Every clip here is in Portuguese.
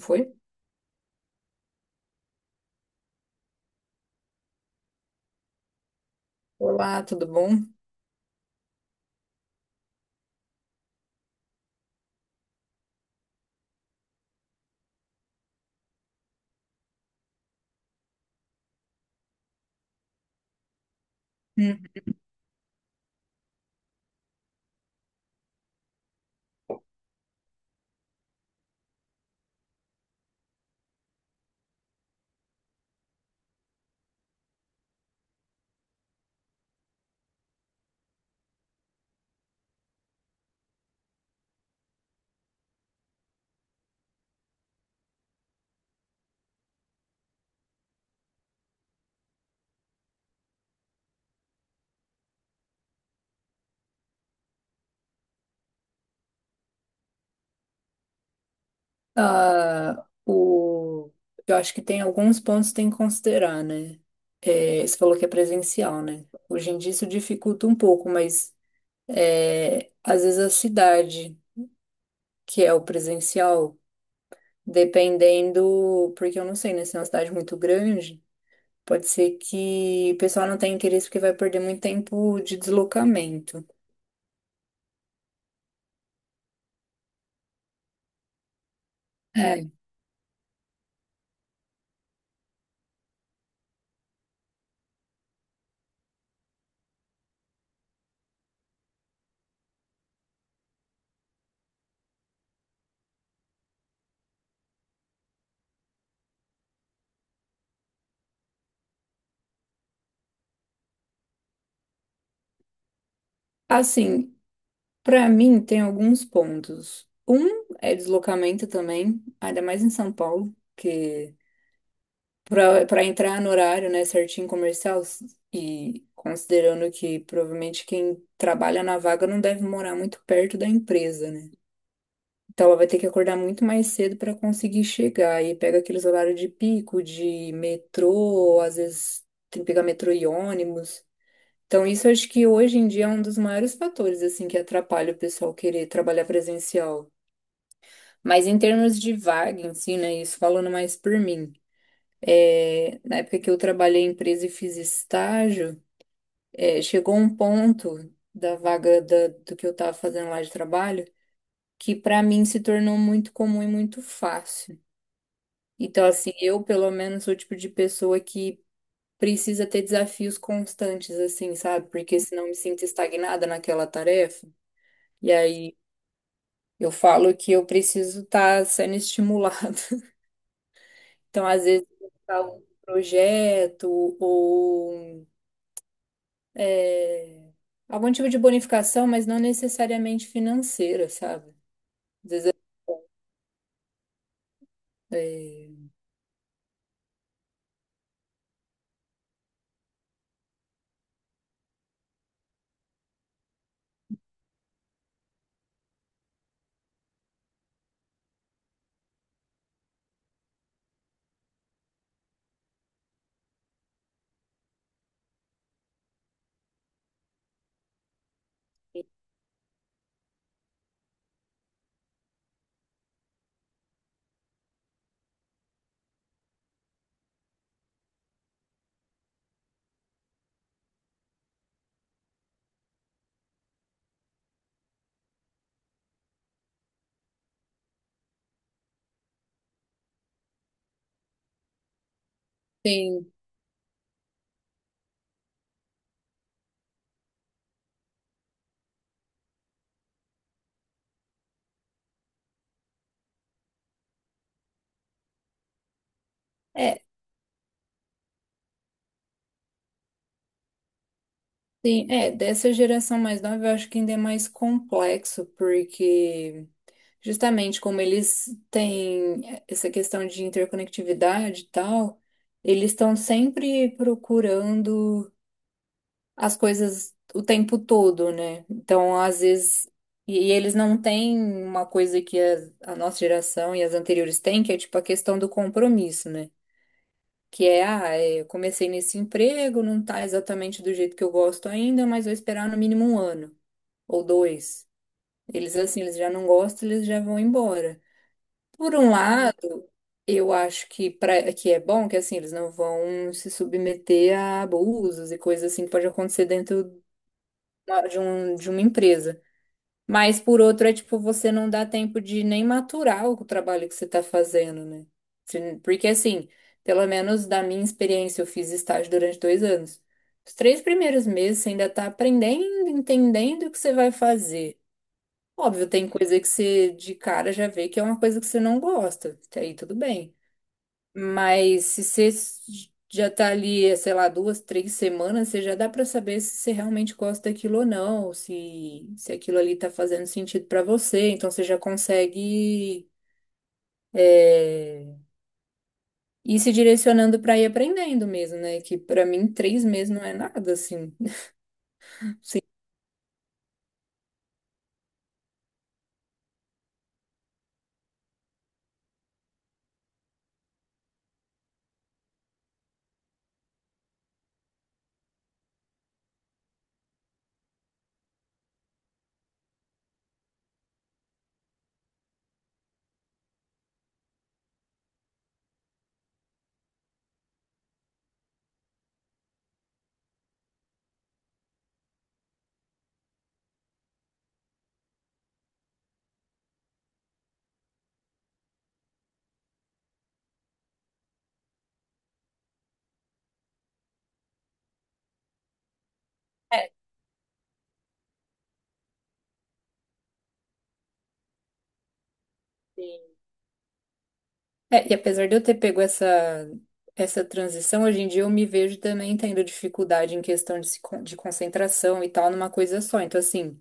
Foi? Olá, tudo bom? Hum. Ah, eu acho que tem alguns pontos que tem que considerar, né? É, você falou que é presencial, né? Hoje em dia isso dificulta um pouco, mas às vezes a cidade, que é o presencial, dependendo, porque eu não sei, né? Se é uma cidade muito grande, pode ser que o pessoal não tenha interesse porque vai perder muito tempo de deslocamento. É. Assim, para mim, tem alguns pontos. Um é deslocamento também, ainda mais em São Paulo, que para entrar no horário, né, certinho comercial, e considerando que provavelmente quem trabalha na vaga não deve morar muito perto da empresa, né? Então ela vai ter que acordar muito mais cedo para conseguir chegar. E pega aqueles horários de pico, de metrô, às vezes tem que pegar metrô e ônibus. Então, isso eu acho que hoje em dia é um dos maiores fatores, assim, que atrapalha o pessoal querer trabalhar presencial. Mas em termos de vaga em si, né, isso falando mais por mim, na época que eu trabalhei em empresa e fiz estágio, chegou um ponto da do que eu estava fazendo lá de trabalho que para mim se tornou muito comum e muito fácil. Então, assim, eu pelo menos sou o tipo de pessoa que precisa ter desafios constantes, assim, sabe? Porque senão me sinto estagnada naquela tarefa. E aí eu falo que eu preciso estar sendo estimulada. Então, às vezes, algum projeto ou é, algum tipo de bonificação, mas não necessariamente financeira, sabe? Às vezes, é, é, tem, é, dessa geração mais nova, eu acho que ainda é mais complexo, porque justamente como eles têm essa questão de interconectividade e tal, eles estão sempre procurando as coisas o tempo todo, né? Então, às vezes. E eles não têm uma coisa que a nossa geração e as anteriores têm, que é tipo a questão do compromisso, né? Que é, ah, eu comecei nesse emprego, não tá exatamente do jeito que eu gosto ainda, mas vou esperar no mínimo um ano ou dois. Eles, assim, eles já não gostam, eles já vão embora. Por um lado, eu acho que, pra, que é bom que, assim, eles não vão se submeter a abusos e coisas assim que pode acontecer dentro hora de uma empresa. Mas por outro é tipo, você não dá tempo de nem maturar o trabalho que você está fazendo, né? Porque assim, pelo menos da minha experiência, eu fiz estágio durante 2 anos. Os 3 primeiros meses você ainda está aprendendo, entendendo o que você vai fazer. Óbvio, tem coisa que você de cara já vê que é uma coisa que você não gosta. Até aí tudo bem. Mas se você já tá ali, sei lá, 2, 3 semanas, você já dá pra saber se você realmente gosta daquilo ou não, se aquilo ali tá fazendo sentido pra você. Então você já consegue é, ir se direcionando pra ir aprendendo mesmo, né? Que pra mim 3 meses não é nada, assim. Sim. É, sim. É, e apesar de eu ter pego essa, essa transição, hoje em dia eu me vejo também tendo dificuldade em questão de, se con- de concentração e tal numa coisa só. Então, assim.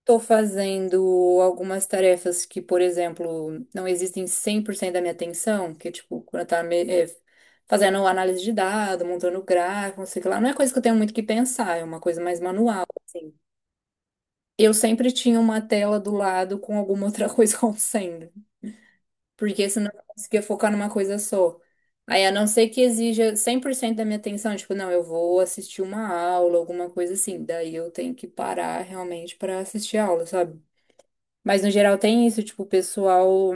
Estou fazendo algumas tarefas que, por exemplo, não existem 100% da minha atenção, que, é tipo, quando eu tava fazendo análise de dado, montando gráfico, não sei o que lá, não é coisa que eu tenho muito que pensar, é uma coisa mais manual, assim. Eu sempre tinha uma tela do lado com alguma outra coisa acontecendo, porque senão eu não conseguia focar numa coisa só. Aí, a não ser que exija 100% da minha atenção, tipo, não, eu vou assistir uma aula, alguma coisa assim, daí eu tenho que parar realmente para assistir a aula, sabe? Mas no geral tem isso, tipo, o pessoal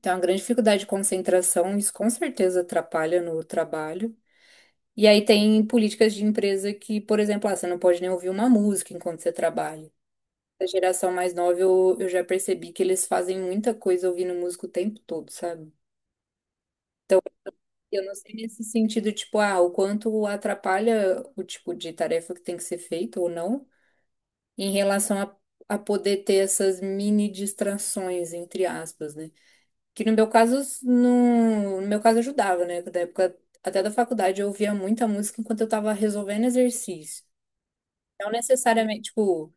tem uma grande dificuldade de concentração, isso com certeza atrapalha no trabalho. E aí tem políticas de empresa que, por exemplo, ah, você não pode nem ouvir uma música enquanto você trabalha. A geração mais nova, eu já percebi que eles fazem muita coisa ouvindo música o tempo todo, sabe? Eu não sei nesse sentido, tipo, ah, o quanto atrapalha o tipo de tarefa que tem que ser feita ou não, em relação a poder ter essas mini distrações, entre aspas, né? Que no meu caso, no meu caso ajudava, né? Da época até da faculdade eu ouvia muita música enquanto eu tava resolvendo exercício. Não necessariamente, tipo,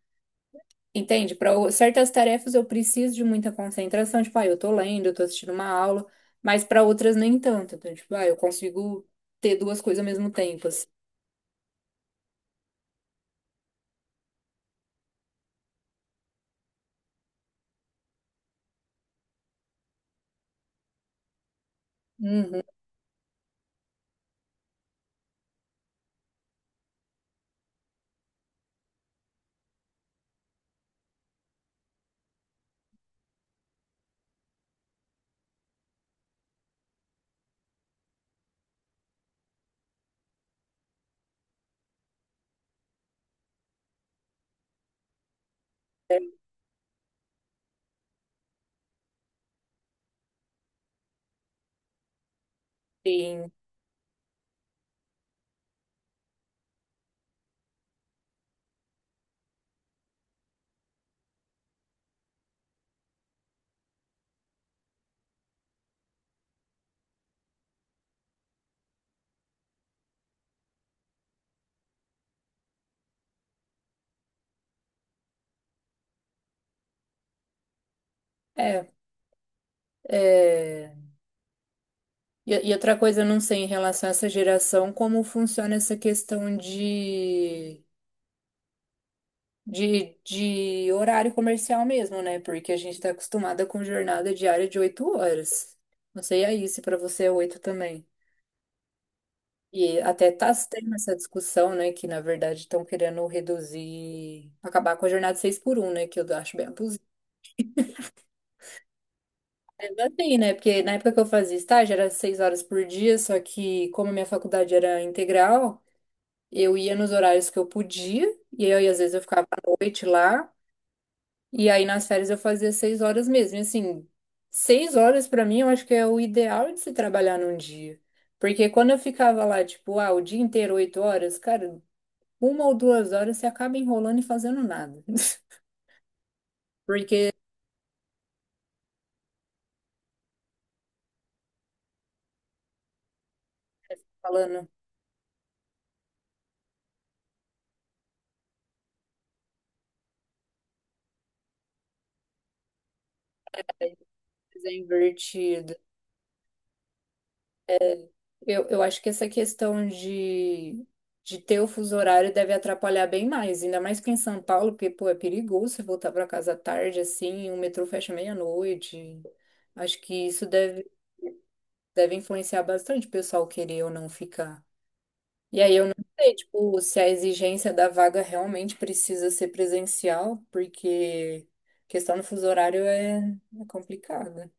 entende? Para certas tarefas eu preciso de muita concentração, tipo, ah, eu tô lendo, eu tô assistindo uma aula, mas para outras nem tanto. Então, tipo, ah, eu consigo ter duas coisas ao mesmo tempo, assim. Uhum, sim. É, é... e outra coisa, eu não sei em relação a essa geração, como funciona essa questão de horário comercial mesmo, né? Porque a gente tá acostumada com jornada diária de 8 horas. Não sei aí se para você é 8 também. E até tá se tendo essa discussão, né? Que na verdade estão querendo reduzir, acabar com a jornada 6x1, né? Que eu acho bem abusivo assim, né? Porque na época que eu fazia estágio era 6 horas por dia, só que como a minha faculdade era integral, eu ia nos horários que eu podia, e aí às vezes eu ficava à noite lá. E aí nas férias eu fazia 6 horas mesmo. E assim, 6 horas pra mim eu acho que é o ideal de se trabalhar num dia. Porque quando eu ficava lá, tipo, ah, o dia inteiro, 8 horas, cara, 1 ou 2 horas você acaba enrolando e fazendo nada. Porque, falando, coisa invertida, eu acho que essa questão de ter o fuso horário deve atrapalhar bem mais. Ainda mais que em São Paulo, porque, pô, é perigoso você voltar pra casa tarde, assim, o metrô fecha meia-noite. Acho que isso deve influenciar bastante o pessoal querer ou não ficar. E aí eu não sei, tipo, se a exigência da vaga realmente precisa ser presencial, porque questão do fuso horário é complicada.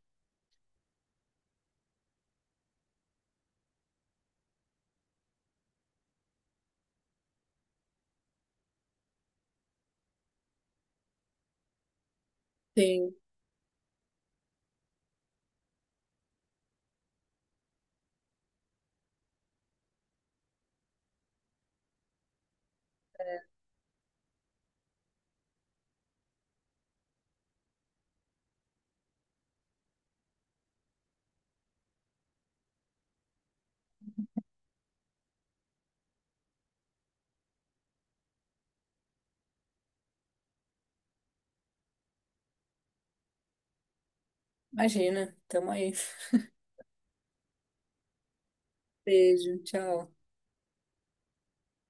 Sim, imagina. Tamo aí. Beijo, tchau.